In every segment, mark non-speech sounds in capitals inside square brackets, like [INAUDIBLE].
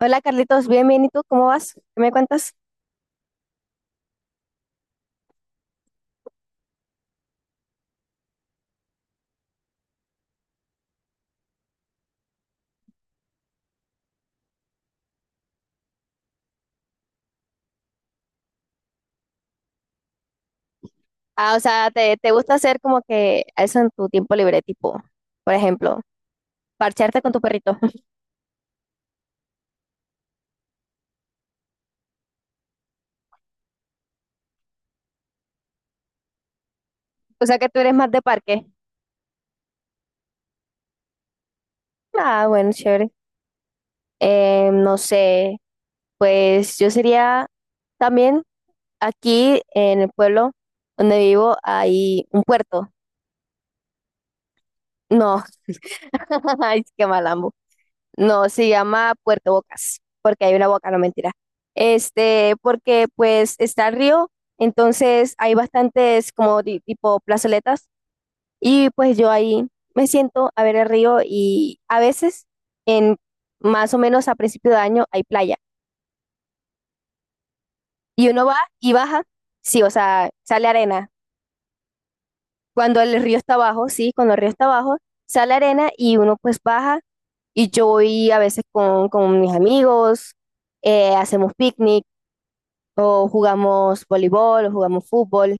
Hola Carlitos, bien, bien. ¿Y tú cómo vas? ¿Qué me cuentas? Ah, o sea, te gusta hacer como que eso en tu tiempo libre, tipo, por ejemplo, parcharte con tu perrito. [LAUGHS] O sea, que tú eres más de parque. Ah, bueno, chévere. No sé, pues yo sería también aquí en el pueblo donde vivo hay un puerto. No, [LAUGHS] ay, qué mal. No, se llama Puerto Bocas, porque hay una boca, no mentira. Este, porque pues está el río, entonces hay bastantes como tipo plazoletas y pues yo ahí me siento a ver el río y a veces en más o menos a principio de año hay playa y uno va y baja, sí, o sea, sale arena. Cuando el río está abajo, sí, cuando el río está abajo, sale arena y uno pues baja y yo voy a veces con mis amigos, hacemos picnic o jugamos voleibol, o jugamos fútbol.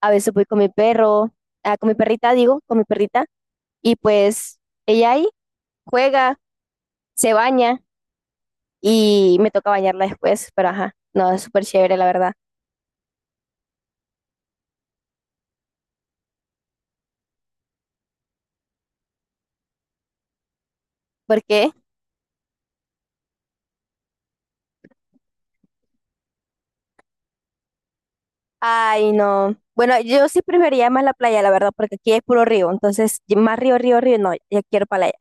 A veces voy con mi perro, ah, con mi perrita, digo, con mi perrita, y pues ella ahí juega, se baña y me toca bañarla después, pero ajá, no, es súper chévere, la verdad. ¿Por qué? Ay, no. Bueno, yo sí preferiría más la playa, la verdad, porque aquí es puro río, entonces y más río, río, río, no, ya quiero playa.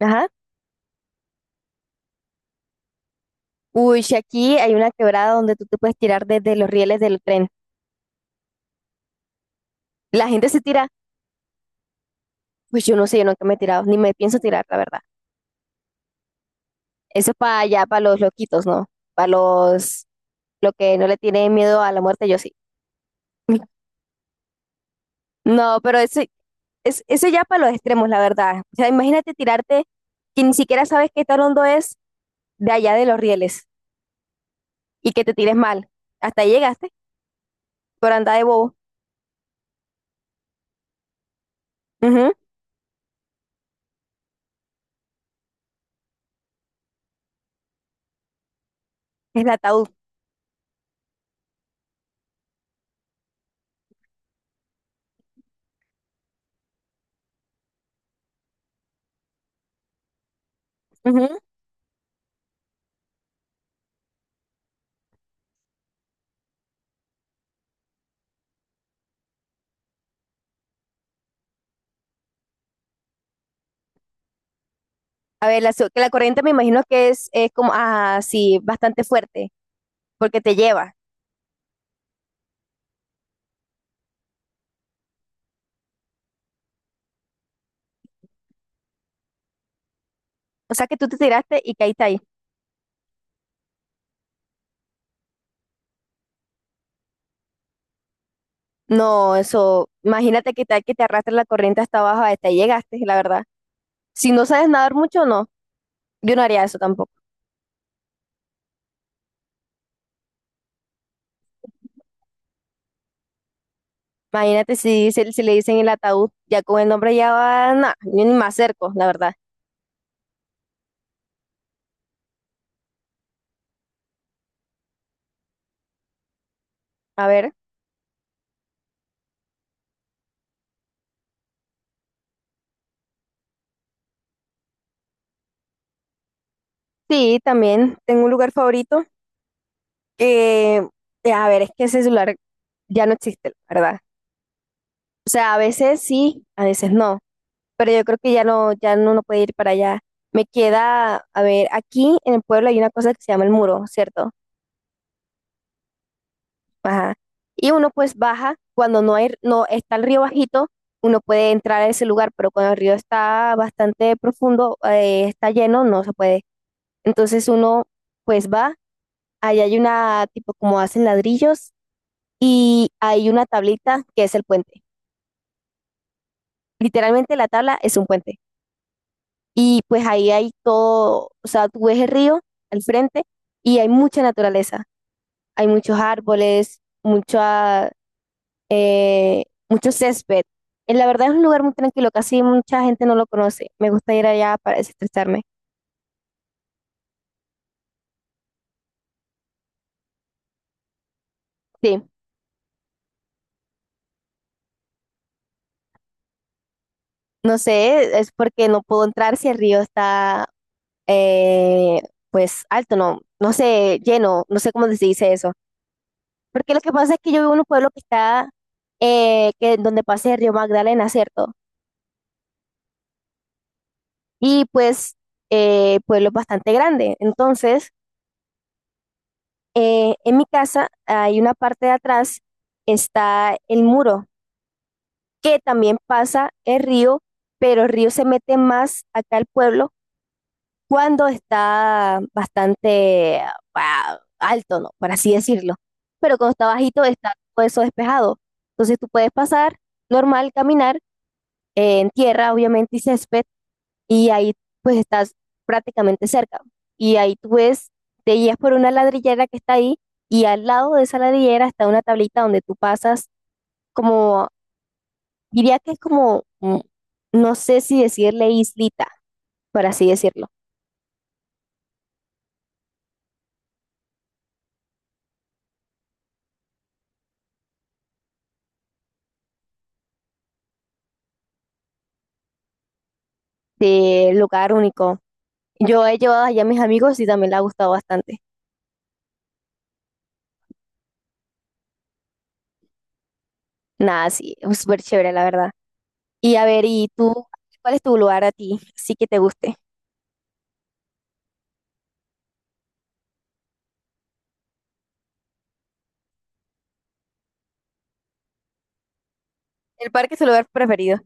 Ajá. Uy, si aquí hay una quebrada donde tú te puedes tirar desde los rieles del tren. La gente se tira, pues yo no sé, yo nunca me he tirado, ni me pienso tirar, la verdad. Eso para allá, para los loquitos, ¿no? Para los, lo que no le tienen miedo a la muerte, yo sí. [LAUGHS] No, pero eso, es, eso ya para los extremos, la verdad. O sea, imagínate tirarte que ni siquiera sabes qué tan hondo es de allá de los rieles y que te tires mal. Hasta ahí llegaste, por andar de bobo. Ujú. Es el ataúd. Ujú. A ver, que la corriente me imagino que es como, ah, sí, bastante fuerte, porque te lleva. O sea, que tú te tiraste y caíste ahí. No, eso, imagínate que tal que te arrastre la corriente hasta abajo, hasta ahí llegaste, la verdad. Si no sabes nadar mucho, no, yo no haría eso tampoco. Imagínate si, si le dicen el ataúd, ya con el nombre ya va, nada, yo ni me acerco, la verdad. A ver, sí, también tengo un lugar favorito que, a ver, es que ese celular ya no existe, la verdad. O sea, a veces sí, a veces no, pero yo creo que ya no, no puede ir para allá. Me queda, a ver, aquí en el pueblo hay una cosa que se llama el muro, ¿cierto? Ajá. Y uno pues baja, cuando no hay, no está el río bajito, uno puede entrar a ese lugar, pero cuando el río está bastante profundo, está lleno, no se puede. Entonces uno pues va, ahí hay una tipo como hacen ladrillos y hay una tablita que es el puente. Literalmente la tabla es un puente. Y pues ahí hay todo, o sea, tú ves el río al frente y hay mucha naturaleza, hay muchos árboles, muchas mucho césped. La verdad es un lugar muy tranquilo, casi mucha gente no lo conoce. Me gusta ir allá para desestresarme. Sí, no sé, es porque no puedo entrar si el río está eh, pues alto, no, no sé, lleno, no sé cómo se dice eso. Porque lo que pasa es que yo vivo en un pueblo que está, que donde pasa el río Magdalena, ¿cierto? Y pues, pueblo bastante grande. Entonces, en mi casa hay una parte de atrás, está el muro que también pasa el río, pero el río se mete más acá al pueblo cuando está bastante ah, alto, ¿no? Por así decirlo. Pero cuando está bajito está todo eso despejado. Entonces tú puedes pasar normal, caminar en tierra, obviamente, y césped, y ahí pues estás prácticamente cerca. Y ahí tú ves, te guías por una ladrillera que está ahí, y al lado de esa ladrillera está una tablita donde tú pasas como diría que es como, no sé si decirle islita, por así decirlo, de lugar único. Yo he llevado allá a mis amigos y también le ha gustado bastante. Nada, sí, es súper chévere, la verdad. Y a ver, ¿y tú? ¿Cuál es tu lugar a ti? Sí que te guste. El parque es tu lugar preferido.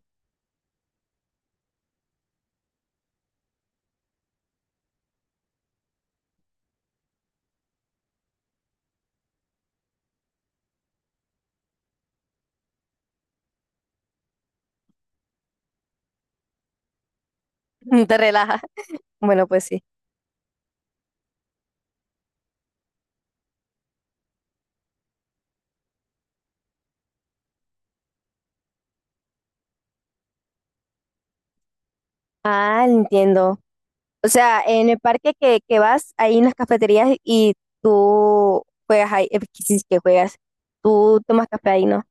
[LAUGHS] Te relaja. Bueno, pues sí. Ah, entiendo. O sea, en el parque que vas, hay unas cafeterías y tú juegas ahí, pues, que sí, que juegas. Tú tomas café ahí, ¿no?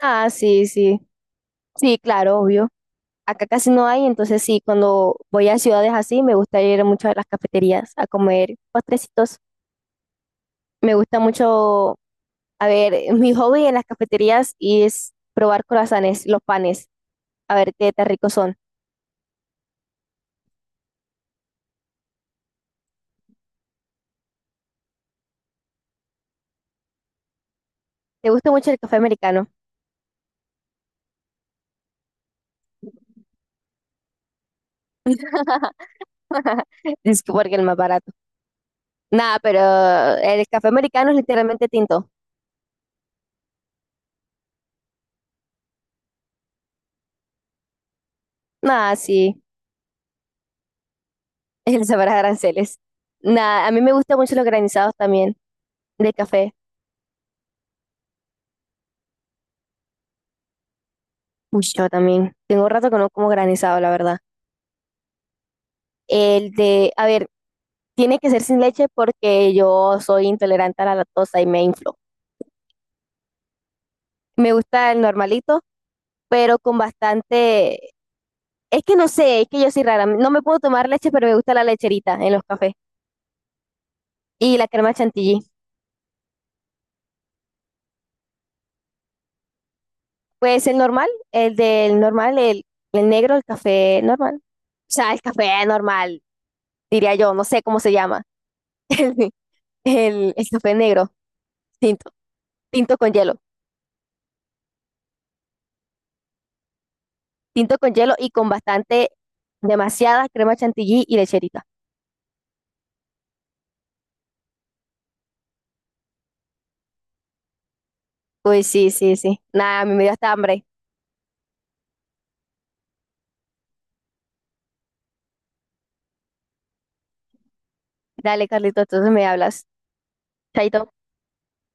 Ah, sí, sí. Sí, claro, obvio. Acá casi no hay, entonces sí, cuando voy a ciudades así, me gusta ir mucho a las cafeterías a comer postrecitos. Me gusta mucho, a ver, [LAUGHS] mi hobby en las cafeterías es probar croissants, los panes, a ver qué tan ricos son. ¿Te gusta mucho el café americano? [LAUGHS] Es que porque es el más barato. Nada, pero el café americano es literalmente tinto. Nada, sí, [LAUGHS] el sabor a aranceles. Nada, a mí me gustan mucho los granizados también, de café. Uy, yo también. Tengo rato que no como granizado, la verdad. El de, a ver, tiene que ser sin leche porque yo soy intolerante a la lactosa y me inflo. Me gusta el normalito, pero con bastante... Es que no sé, es que yo soy rara. No me puedo tomar leche, pero me gusta la lecherita en los cafés y la crema chantilly. Pues el normal, el del normal, el negro, el café normal. O sea, el café normal, diría yo, no sé cómo se llama. [LAUGHS] El café negro, tinto, tinto con hielo. Tinto con hielo y con bastante, demasiada crema chantilly y lecherita. Uy, sí, sí, sí. Nada, a mí me dio hasta hambre. Dale, Carlito, entonces me hablas. Chaito.